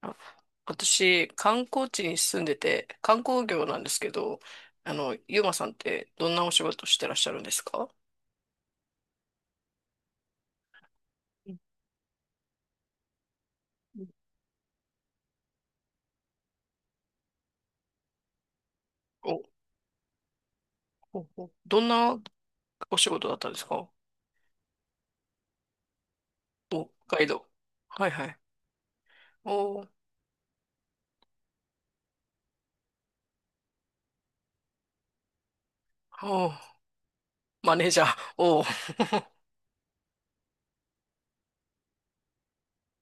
あ、私、観光地に住んでて、観光業なんですけど、ゆうまさんってどんなお仕事してらっしゃるんですか？うん。うん。お、お、どんなお仕事だったんですか？お、ガイド。はいはい。おー。おー、マネージャー。おー、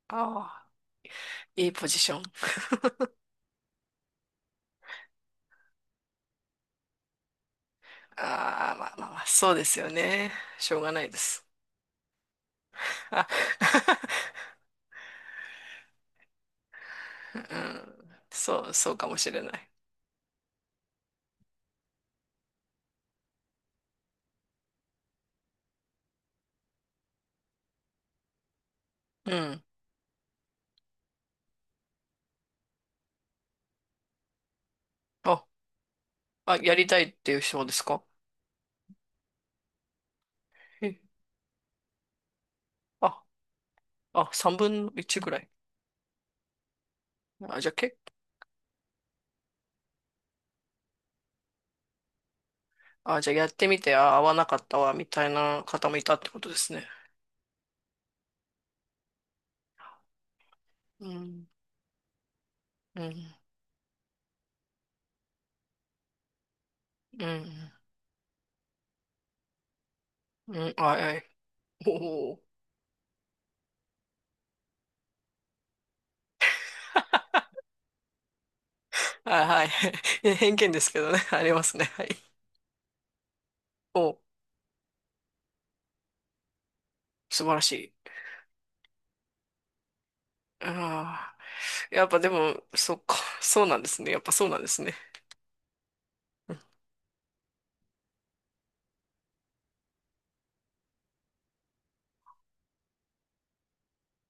あー、いいポジション。ああ、まあまあまあ、そうですよね。しょうがないです。あ、うん、そう、そうかもしれない。うん。あ、あ、やりたいっていう人ですか？え、ああ、3分の1ぐらい。あ、じゃあけ、あ、じゃあやってみて、あ、合わなかったわ、みたいな方もいたってことですね。うん、うん、うん、うん、あ、はい。おお。あ、はい。偏見ですけどね、ありますね。はい。お、素晴らしい。ああ、やっぱでも、そっか、そうなんですね。やっぱそうなんですね。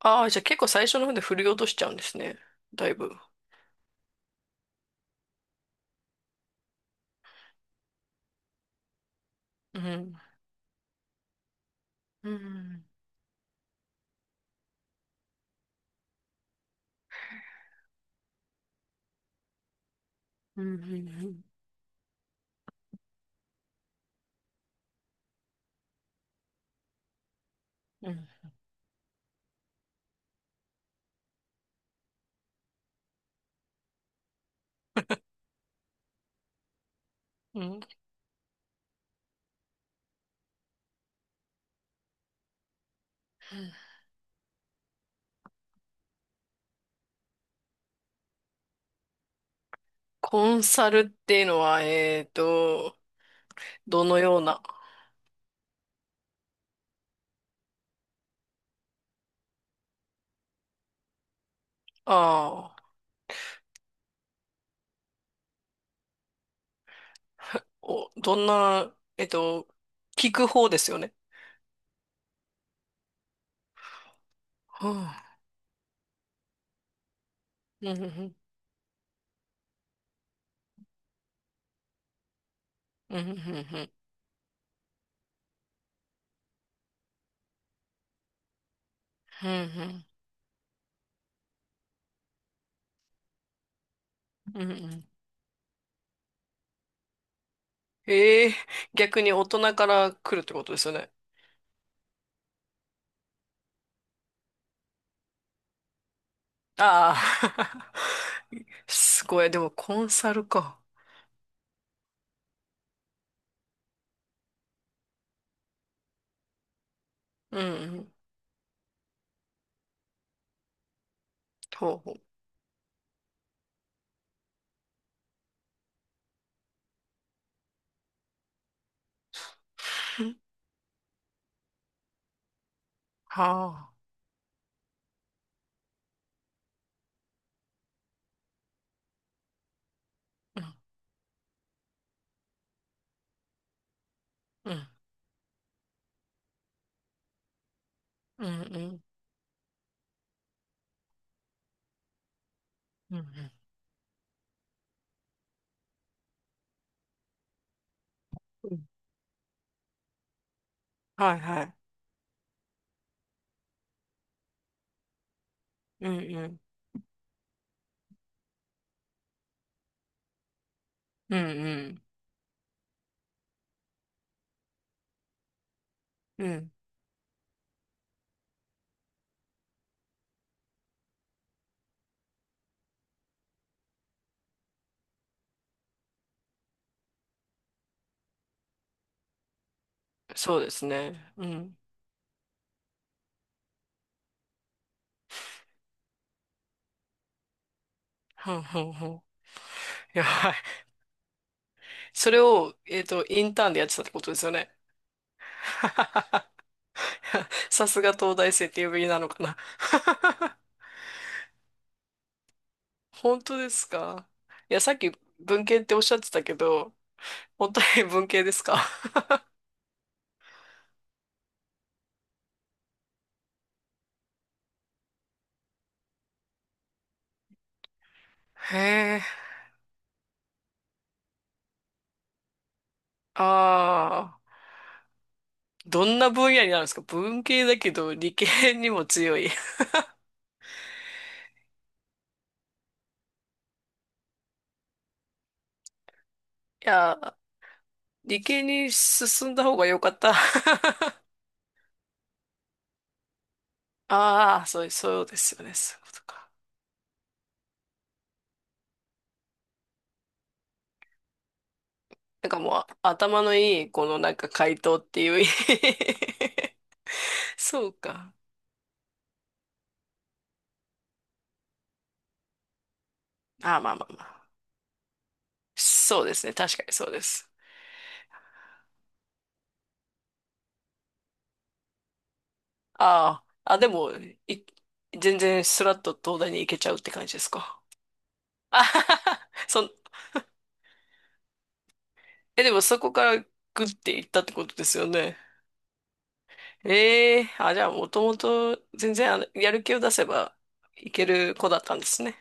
ああ、じゃあ結構最初の方で振り落としちゃうんですね。だいぶ。うん、うん、うん、うん、うん。うん、コンサルっていうのは、どのような、ああ、お、どんな、聞く方ですよね。はあ。うんうんうんうんうんうんうんうん。ええ。逆に大人から来るってことですよね？ああ、すごい。でもコンサルか。うんうん。ほうほう。はあ。うんうんうんうんうんうんうん。はいはい。うんうんうんうんうん。そうですね。うん。ふんふんふん。いや、それを、インターンでやってたってことですよね？さすが東大生って呼びなのかな。本当ですか？いや、さっき文系っておっしゃってたけど、本当に文系ですか？ へえ、ああ、どんな分野になるんですか？文系だけど理系にも強い。いや、理系に進んだ方が良かった。ああ、そう、そうですよね。そういうことか。なんかもう頭のいいこのなんか回答っていう そうか。あ、まあまあまあ。そうですね。確かにそうです。ああ、あ、でも、い、全然スラッと東大に行けちゃうって感じですか？あはははそん、え、でもそこからグッて行ったってことですよね？ええ、あ、じゃあもともと全然やる気を出せばいける子だったんですね。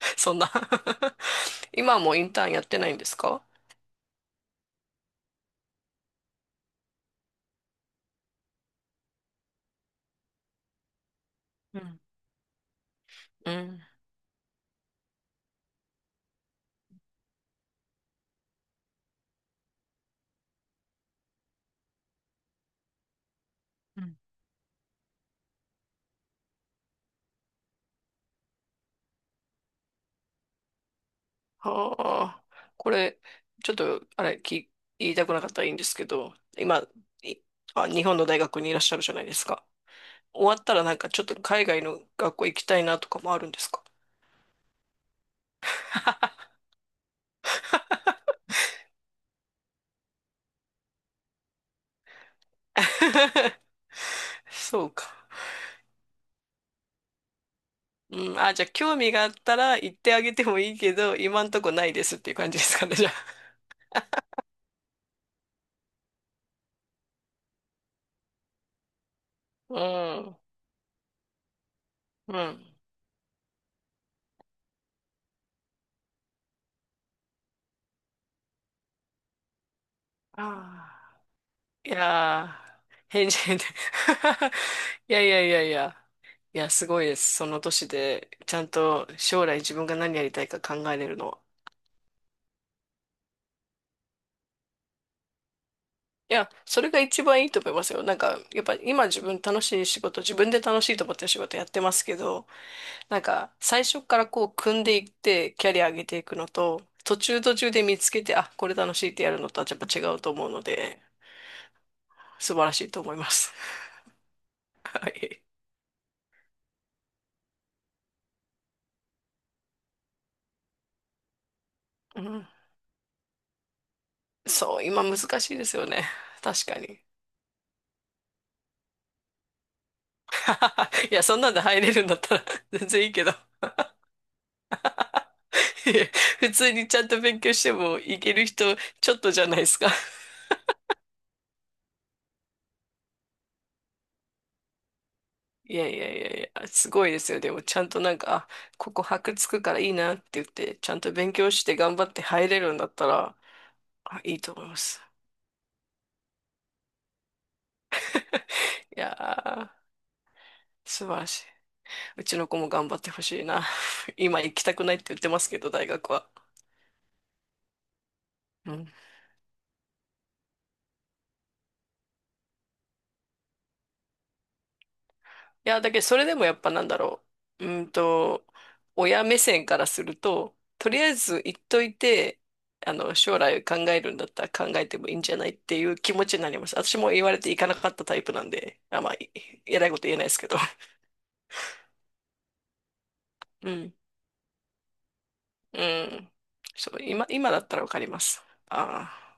そんな 今はもうインターンやってないんですか？うん。うん。はあ、これ、ちょっと、あれ、言いたくなかったらいいんですけど、今、い日本の大学にいらっしゃるじゃないですか。終わったらなんかちょっと海外の学校行きたいなとかもあるんですか？ そうか。うん、あ、じゃあ興味があったら行ってあげてもいいけど、今んとこないですっていう感じですかね、じゃあ。うん、うん。ああ、いやー、返事、いやいやいやいや。いや、すごいです。その年で、ちゃんと将来自分が何やりたいか考えれるのは。いや、それが一番いいと思いますよ。なんか、やっぱ今自分楽しい仕事、自分で楽しいと思ってる仕事やってますけど、なんか、最初からこう、組んでいって、キャリア上げていくのと、途中途中で見つけて、あ、これ楽しいってやるのとはやっぱ違うと思うので、素晴らしいと思います。はい。うん。そう、今難しいですよね。確かに。いや、そんなんで入れるんだったら 全然いいけど。いや、普通にちゃんと勉強してもいける人ちょっとじゃないですか？いやいやいやいや、すごいですよ。でもちゃんとなんか、あ、ここ箔つくからいいなって言って、ちゃんと勉強して頑張って入れるんだったら、あ、いいと思います。いやー、素晴らしい。うちの子も頑張ってほしいな。今行きたくないって言ってますけど、大学は。うん、いや、だけどそれでもやっぱなんだろう。親目線からすると、とりあえず言っといて、将来考えるんだったら考えてもいいんじゃないっていう気持ちになります。私も言われていかなかったタイプなんで、あ、まあ、い 偉いこと言えないですけど。うん。うん。そう、今だったらわかります。ああ。